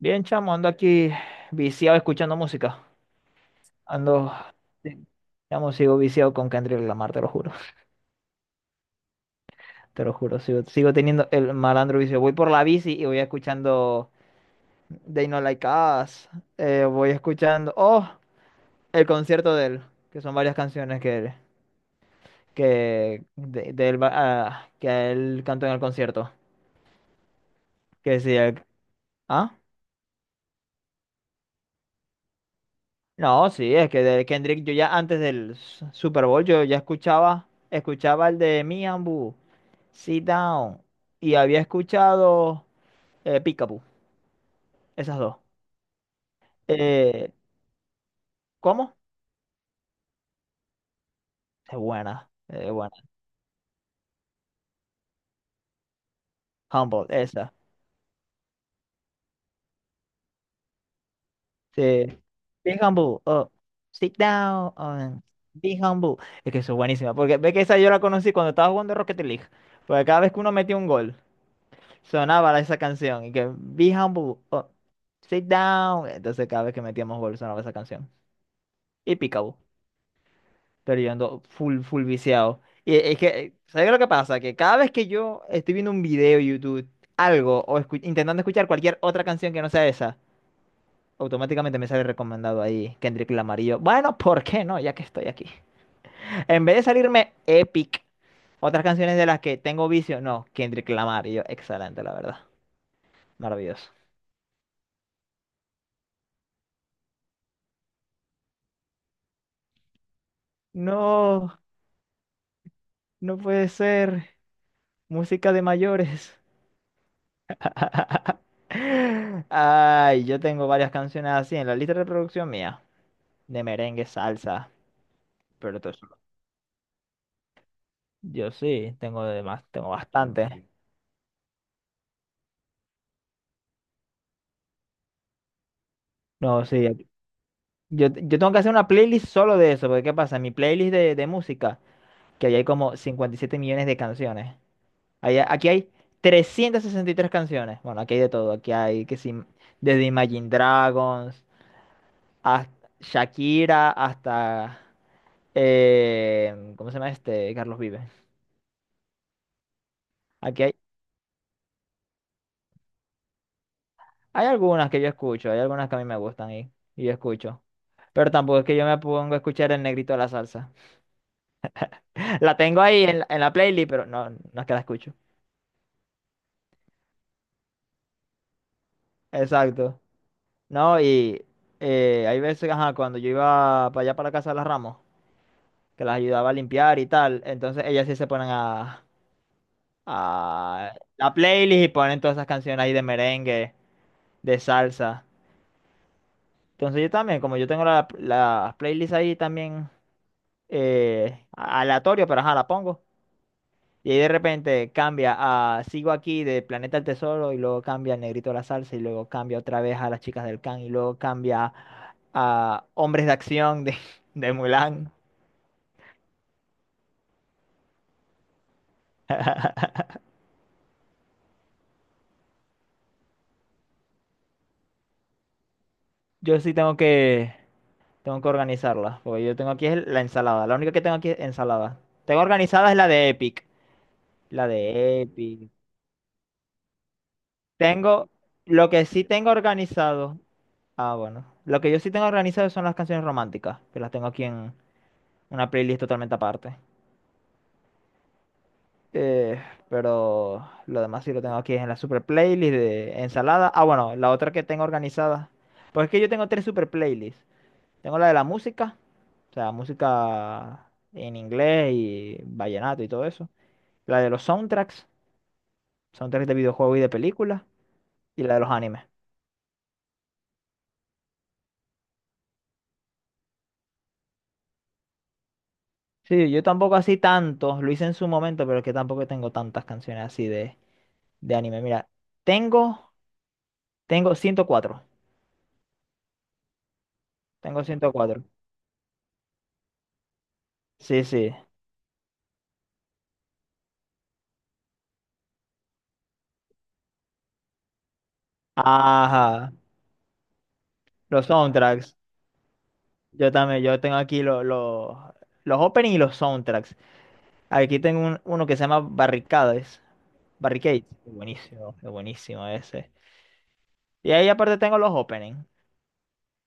Bien, chamo, ando aquí viciado escuchando música. Ando, sí, chamo, sigo viciado con Kendrick Lamar, te lo juro. Te lo juro, sigo teniendo el malandro vicio. Voy por la bici y voy escuchando They No Like Us. Voy escuchando, oh, el concierto de él, que son varias canciones que él, que, de él va- ah, que él cantó en el concierto. Que sí, el- ¿ah? No, sí, es que de Kendrick yo ya antes del S- Super Bowl yo ya escuchaba, escuchaba el de Me and Boo. Sit Down. Y había escuchado Peekaboo, esas dos. Eh, ¿Cómo? Es buena, es buena. Humble, esa. Sí. Be humble, oh, sit down, oh, be humble. Es que eso es buenísima, porque ve que esa yo la conocí cuando estaba jugando Rocket League. Porque cada vez que uno metía un gol, sonaba esa canción. Y que be humble, oh, sit down. Entonces cada vez que metíamos gol sonaba esa canción. Y Peekaboo. Pero yo ando full, full viciado. Y es que, ¿sabes lo que pasa? Que cada vez que yo estoy viendo un video de YouTube, algo, o intentando escuchar cualquier otra canción que no sea esa, automáticamente me sale recomendado ahí Kendrick Lamar. Y yo, bueno, ¿por qué no? Ya que estoy aquí. En vez de salirme Epic, otras canciones de las que tengo vicio, no, Kendrick Lamar. Y yo, excelente, la verdad. Maravilloso. No, no puede ser. Música de mayores. Ay, yo tengo varias canciones así en la lista de reproducción mía, de merengue, salsa, pero todo eso. Yo sí, tengo de más, tengo bastante. No, sí, yo tengo que hacer una playlist solo de eso, porque ¿qué pasa? Mi playlist de música, que ahí hay como 57 millones de canciones. Aquí hay 363 canciones. Bueno, aquí hay de todo, aquí hay que sí, desde Imagine Dragons, hasta Shakira, hasta, ¿cómo se llama este? Carlos Vives. Aquí hay, hay algunas que yo escucho, hay algunas que a mí me gustan y yo escucho. Pero tampoco es que yo me pongo a escuchar el negrito de la salsa. La tengo ahí en la playlist, pero no, no es que la escucho. Exacto. No, y hay veces, ajá, cuando yo iba para allá para la casa de las Ramos, que las ayudaba a limpiar y tal, entonces ellas sí se ponen a la playlist y ponen todas esas canciones ahí de merengue, de salsa. Entonces yo también, como yo tengo la playlist ahí también aleatorio, pero ajá, la pongo. Y ahí de repente cambia a sigo aquí de Planeta al Tesoro y luego cambia al Negrito de la Salsa y luego cambia otra vez a las chicas del Can y luego cambia a Hombres de Acción de, de Mulan. Yo sí tengo que, Tengo que organizarla, porque yo tengo aquí es la ensalada. La única que tengo aquí es ensalada. Tengo organizada es la de Epic. La de Epic. Tengo, lo que sí tengo organizado. Ah, bueno. Lo que yo sí tengo organizado son las canciones románticas, que las tengo aquí en una playlist totalmente aparte. Eh, pero lo demás sí lo tengo aquí en la super playlist de ensalada. Ah, bueno, la otra que tengo organizada. Pues es que yo tengo tres super playlists. Tengo la de la música, o sea, música en inglés y vallenato y todo eso. La de los soundtracks, Soundtracks de videojuegos y de películas. Y la de los animes. Sí, yo tampoco así tanto. Lo hice en su momento, pero es que tampoco tengo tantas canciones así de anime. Mira, tengo, tengo 104. Tengo ciento cuatro. Sí, sí. Ajá. Los soundtracks. Yo también, yo tengo aquí los openings y los soundtracks. Aquí tengo uno que se llama Barricades. Barricades. Es buenísimo ese. Y ahí aparte tengo los openings.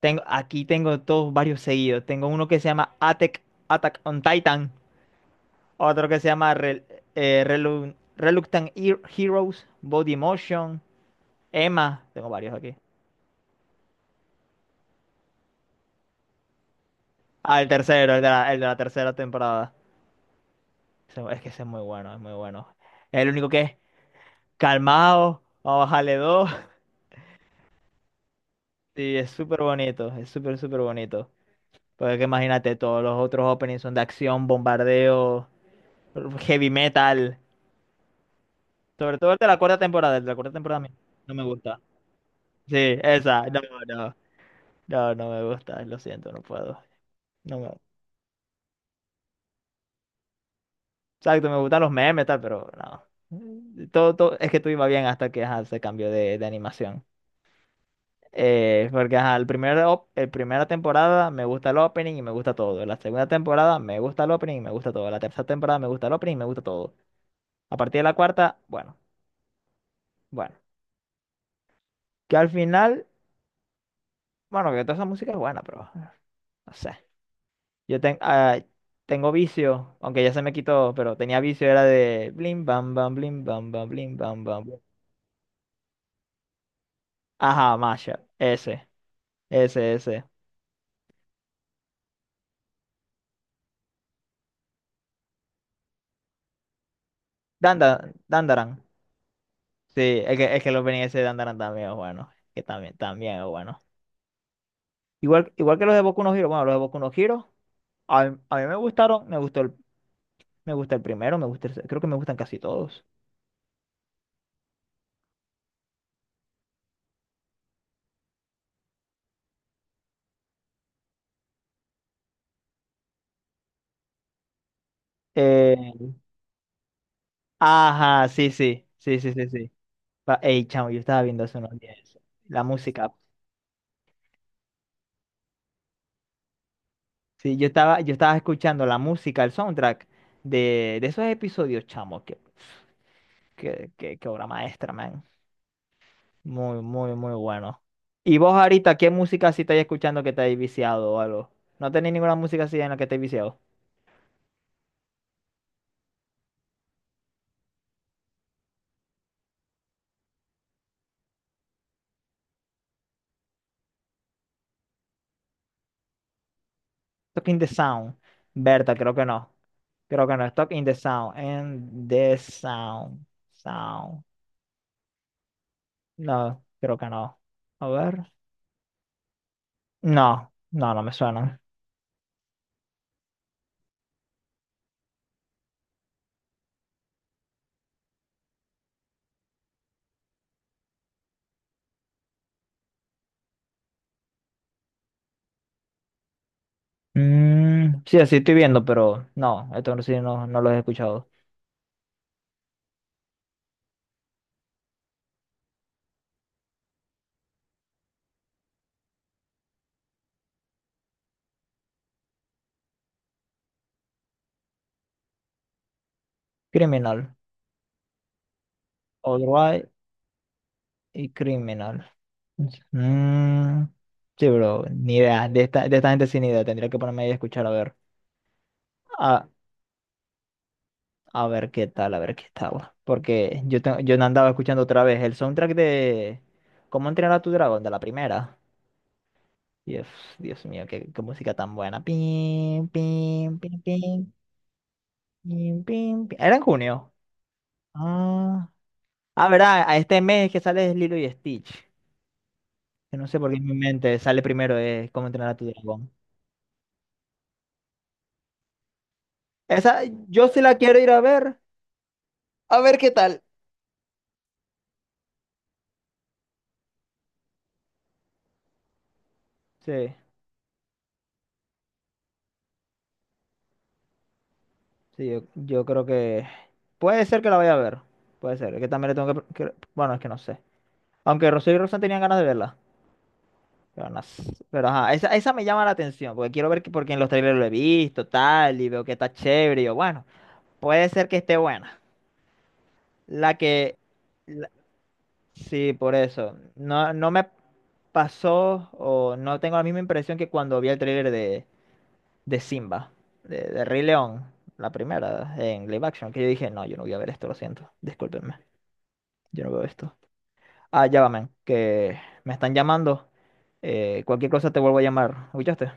Tengo, aquí tengo todos varios seguidos. Tengo uno que se llama Attack, Attack on Titan. Otro que se llama Reluctant Heroes, Body Motion, Emma. Tengo varios aquí. Ah, el tercero, el de la tercera temporada. Ese- Es que ese es muy bueno, es muy bueno. Es el único que es calmado, vamos a bajarle dos. Sí, es súper bonito, es súper, súper bonito. Porque que imagínate, todos los otros openings son de acción, bombardeo, heavy metal. Sobre todo el de la cuarta temporada, el de la cuarta temporada a mí no me gusta. Sí, esa, no, no, no, no me gusta, lo siento, no puedo. No me... Exacto, me gustan los memes, tal, pero no. Todo, todo, es que todo iba bien hasta que ajá, se cambió de animación. Porque ajá, el primera temporada me gusta el opening y me gusta todo. La segunda temporada me gusta el opening y me gusta todo. La tercera temporada me gusta el opening y me gusta todo. A partir de la cuarta, bueno, bueno. Que al final, bueno, que toda esa música es buena, pero no sé. Yo ten- ah, Tengo vicio, aunque ya se me quitó, pero tenía vicio, era de blim bam bam, blim bam bam, blim bam bam, blim. Ajá, mashup. Ese. Danda, Dandaran. Sí, es que el opening ese de Dandaran también es bueno. Que también, también es bueno. Igual, igual que los de Boku no Hero, bueno, los de Boku no Hero, a mí me gustaron, me gusta el primero, me gusta el, se- creo que me gustan casi todos. Eh, ajá, sí, sí, sí, sí, sí, sí. Pa- Ey, chamo, yo estaba viendo hace unos días eso, la música. Sí, yo estaba escuchando la música, el soundtrack de esos episodios, chamo, que obra maestra, man. Muy, muy, muy bueno. ¿Y vos ahorita qué música sí estáis escuchando que te hayas viciado o algo? ¿No tenéis ninguna música así en la que te hayas viciado? Stuck in the Sound. Berta, creo que no. Creo que no. Stuck in the Sound. En the Sound. Sound. No, creo que no. A ver. No, no, no me suena. Mm, sí, así estoy viendo, pero no, esto sí no, no lo he escuchado. Criminal. All Right y Criminal. Mm, sí, bro, ni idea. De esta gente sin idea. Tendría que ponerme ahí a escuchar a ver. Ah, a ver qué tal, a ver qué tal. Porque yo, te- yo no andaba escuchando otra vez el soundtrack de ¿Cómo entrenar a tu dragón? De la primera. Dios, Dios mío, qué música tan buena. Pim, pim, pim, pim, pim, pim, pim. Era en junio. Ah, ah, verdad, a este mes que sale es Lilo y Stitch. Que no sé por qué en mi mente sale primero es ¿Cómo entrenar a tu dragón? Esa, yo sí la quiero ir a ver. A ver qué tal. Sí. Sí, yo creo que puede ser que la vaya a ver. Puede ser. Es que también le tengo que- Bueno, es que no sé. Aunque Rocío y Rosan tenían ganas de verla. Pero, no sé. Pero, ajá, esa me llama la atención. Porque quiero ver que, porque en los trailers lo he visto, tal, y veo que está chévere. Y yo, bueno, puede ser que esté buena. La que. La- sí, por eso. No, no me pasó o no tengo la misma impresión que cuando vi el trailer de Simba, de Rey León, la primera, en live action, que yo dije, no, yo no voy a ver esto, lo siento, discúlpenme. Yo no veo esto. Ah, ya va, men, que me están llamando. Cualquier cosa te vuelvo a llamar. ¿Escuchaste?